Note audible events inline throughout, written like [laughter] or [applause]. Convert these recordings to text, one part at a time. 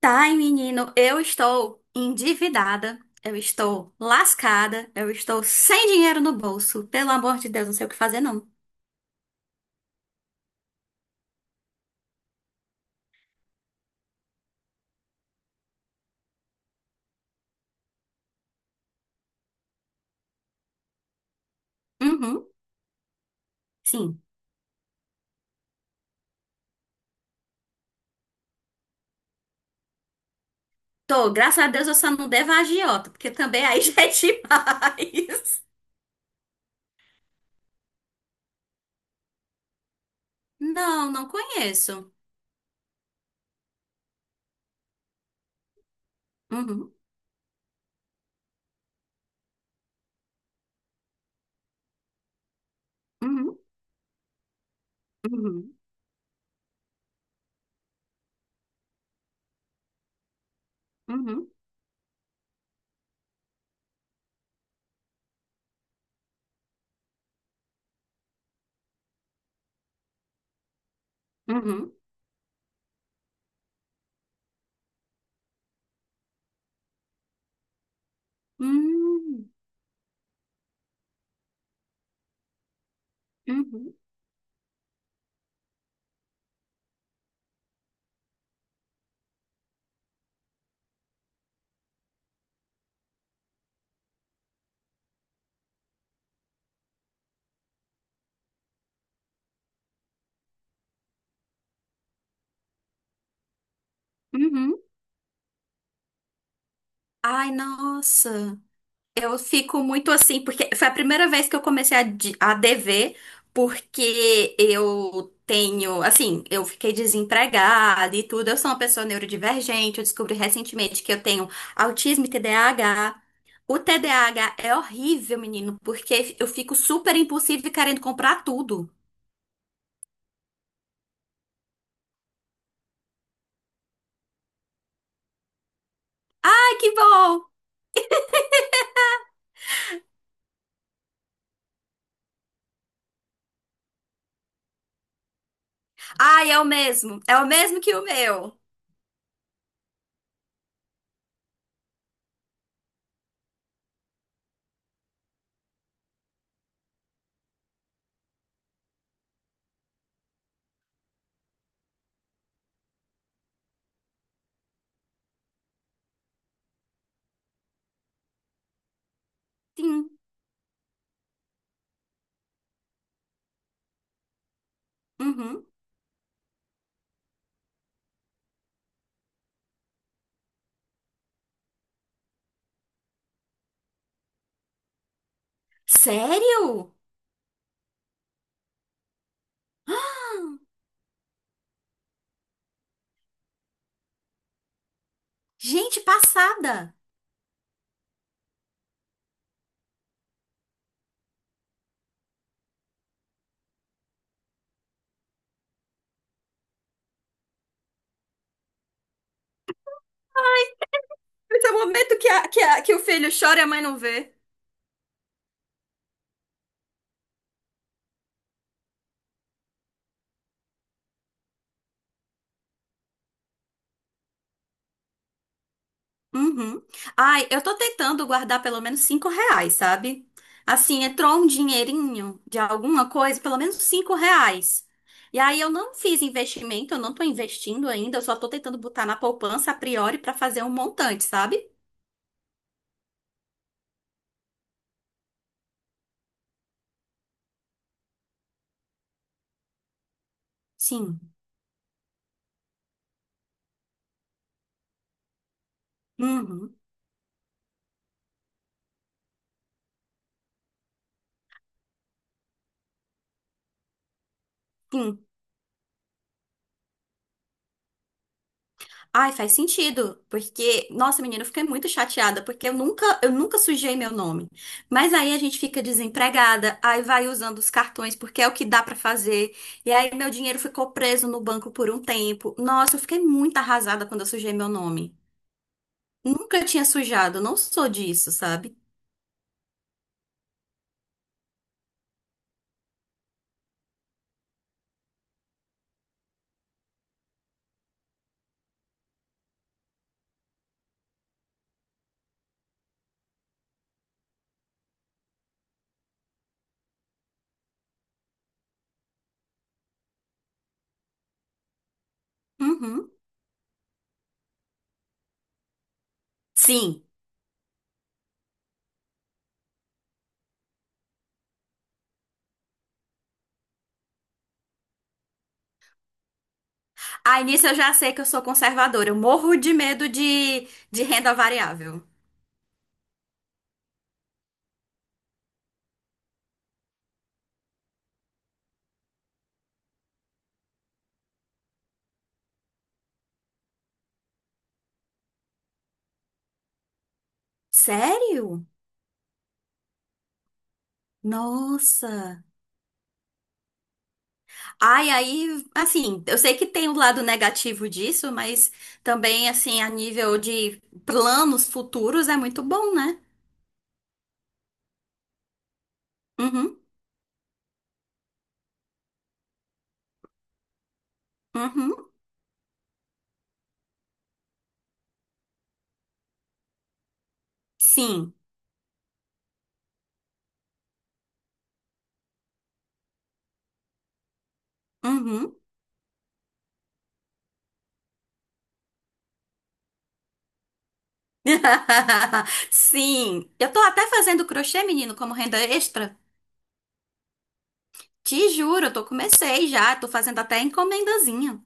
Tá, e menino, eu estou endividada, eu estou lascada, eu estou sem dinheiro no bolso. Pelo amor de Deus, não sei o que fazer, não. Uhum, sim. Tô, graças a Deus eu só não devo a agiota, porque também aí [laughs] já é demais. Não, não conheço. Uhum, uhum, uhum, uhum, uhum, uhum, uhum, uhum. Ai, nossa. Eu fico muito assim, porque foi a primeira vez que eu comecei a dever, porque eu tenho, assim, eu fiquei desempregada e tudo. Eu sou uma pessoa neurodivergente, eu descobri recentemente que eu tenho autismo e TDAH. O TDAH é horrível, menino, porque eu fico super impulsiva e querendo comprar tudo. Ai, que bom! Ai, é o mesmo que o meu. Sim. Uhum. Sério? Gente, passada! Esse é o momento que, a- que, a- que o filho chora e a mãe não vê. Uhum. Ai, eu tô tentando guardar pelo menos 5 reais, sabe? Assim, entrou um dinheirinho de alguma coisa, pelo menos 5 reais. E aí eu não fiz investimento, eu não tô investindo ainda, eu só tô tentando botar na poupança a priori pra fazer um montante, sabe? Sim. Uhum. Sim. Ai, faz sentido, porque, nossa, menina, eu fiquei muito chateada, porque eu nunca sujei meu nome. Mas aí a gente fica desempregada, aí vai usando os cartões, porque é o que dá pra fazer. E aí meu dinheiro ficou preso no banco por um tempo. Nossa, eu fiquei muito arrasada quando eu sujei meu nome. Nunca tinha sujado, não sou disso, sabe? Uhum. Sim. Aí nisso eu já sei que eu sou conservadora, eu morro de medo de renda variável. Sério? Nossa. Ai, aí, assim, eu sei que tem o lado negativo disso, mas também, assim, a nível de planos futuros é muito bom, né? Uhum, uhum, sim, uhum. [laughs] Sim, eu tô até fazendo crochê, menino, como renda extra. Te juro, eu tô comecei já, tô fazendo até encomendazinha.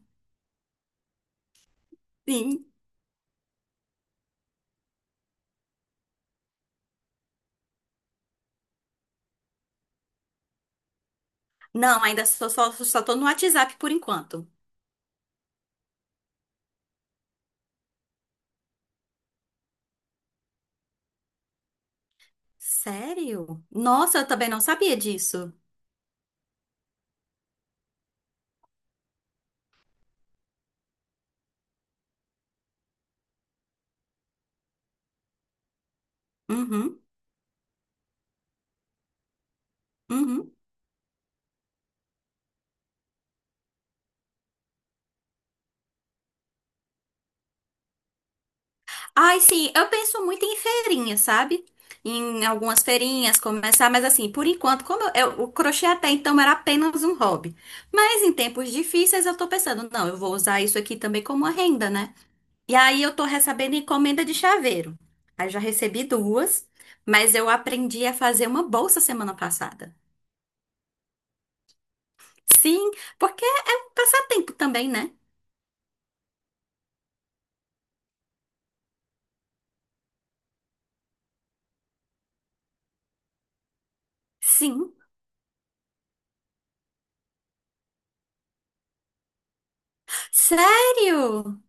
Sim. Não, ainda só tô no WhatsApp por enquanto. Sério? Nossa, eu também não sabia disso. Uhum, uhum. Ai, sim, eu penso muito em feirinha, sabe? Em algumas feirinhas começar, mas assim, por enquanto, como o crochê até então era apenas um hobby. Mas em tempos difíceis eu tô pensando, não, eu vou usar isso aqui também como uma renda, né? E aí eu tô recebendo encomenda de chaveiro. Aí já recebi duas, mas eu aprendi a fazer uma bolsa semana passada. Sim, porque é um passatempo também, né? Sim. Sério?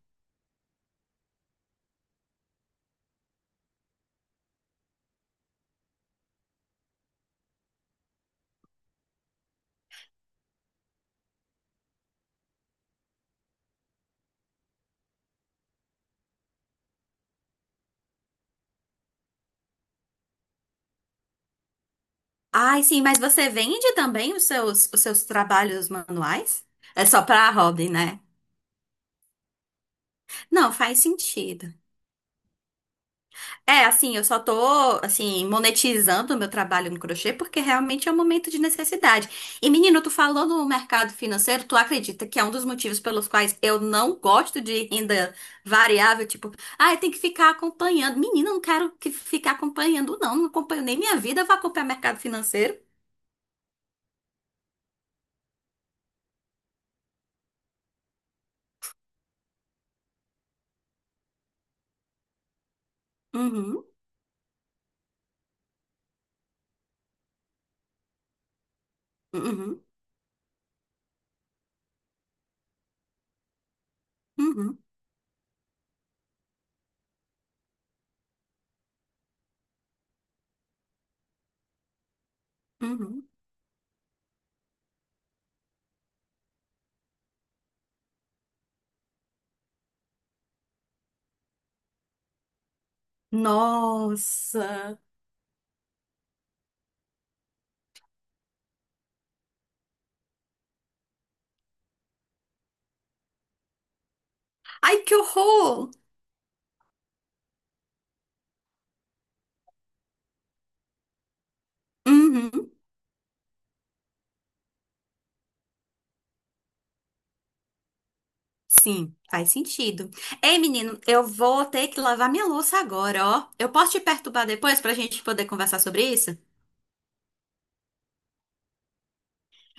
Ai, sim, mas você vende também os seus trabalhos manuais? É só pra hobby, né? Não, faz sentido. É, assim, eu só tô, assim, monetizando o meu trabalho no crochê porque realmente é um momento de necessidade. E, menino, tu falou no mercado financeiro, tu acredita que é um dos motivos pelos quais eu não gosto de renda variável? Tipo, ah, eu tenho que ficar acompanhando. Menina, eu não quero que ficar acompanhando, não. Não acompanho nem minha vida, eu vou acompanhar mercado financeiro. Uhum, uhum, uhum, uhum. Nossa! Ai, que horror! Uhum. Sim, faz sentido. Ei, menino, eu vou ter que lavar minha louça agora, ó. Eu posso te perturbar depois pra gente poder conversar sobre isso?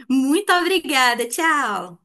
Muito obrigada, tchau!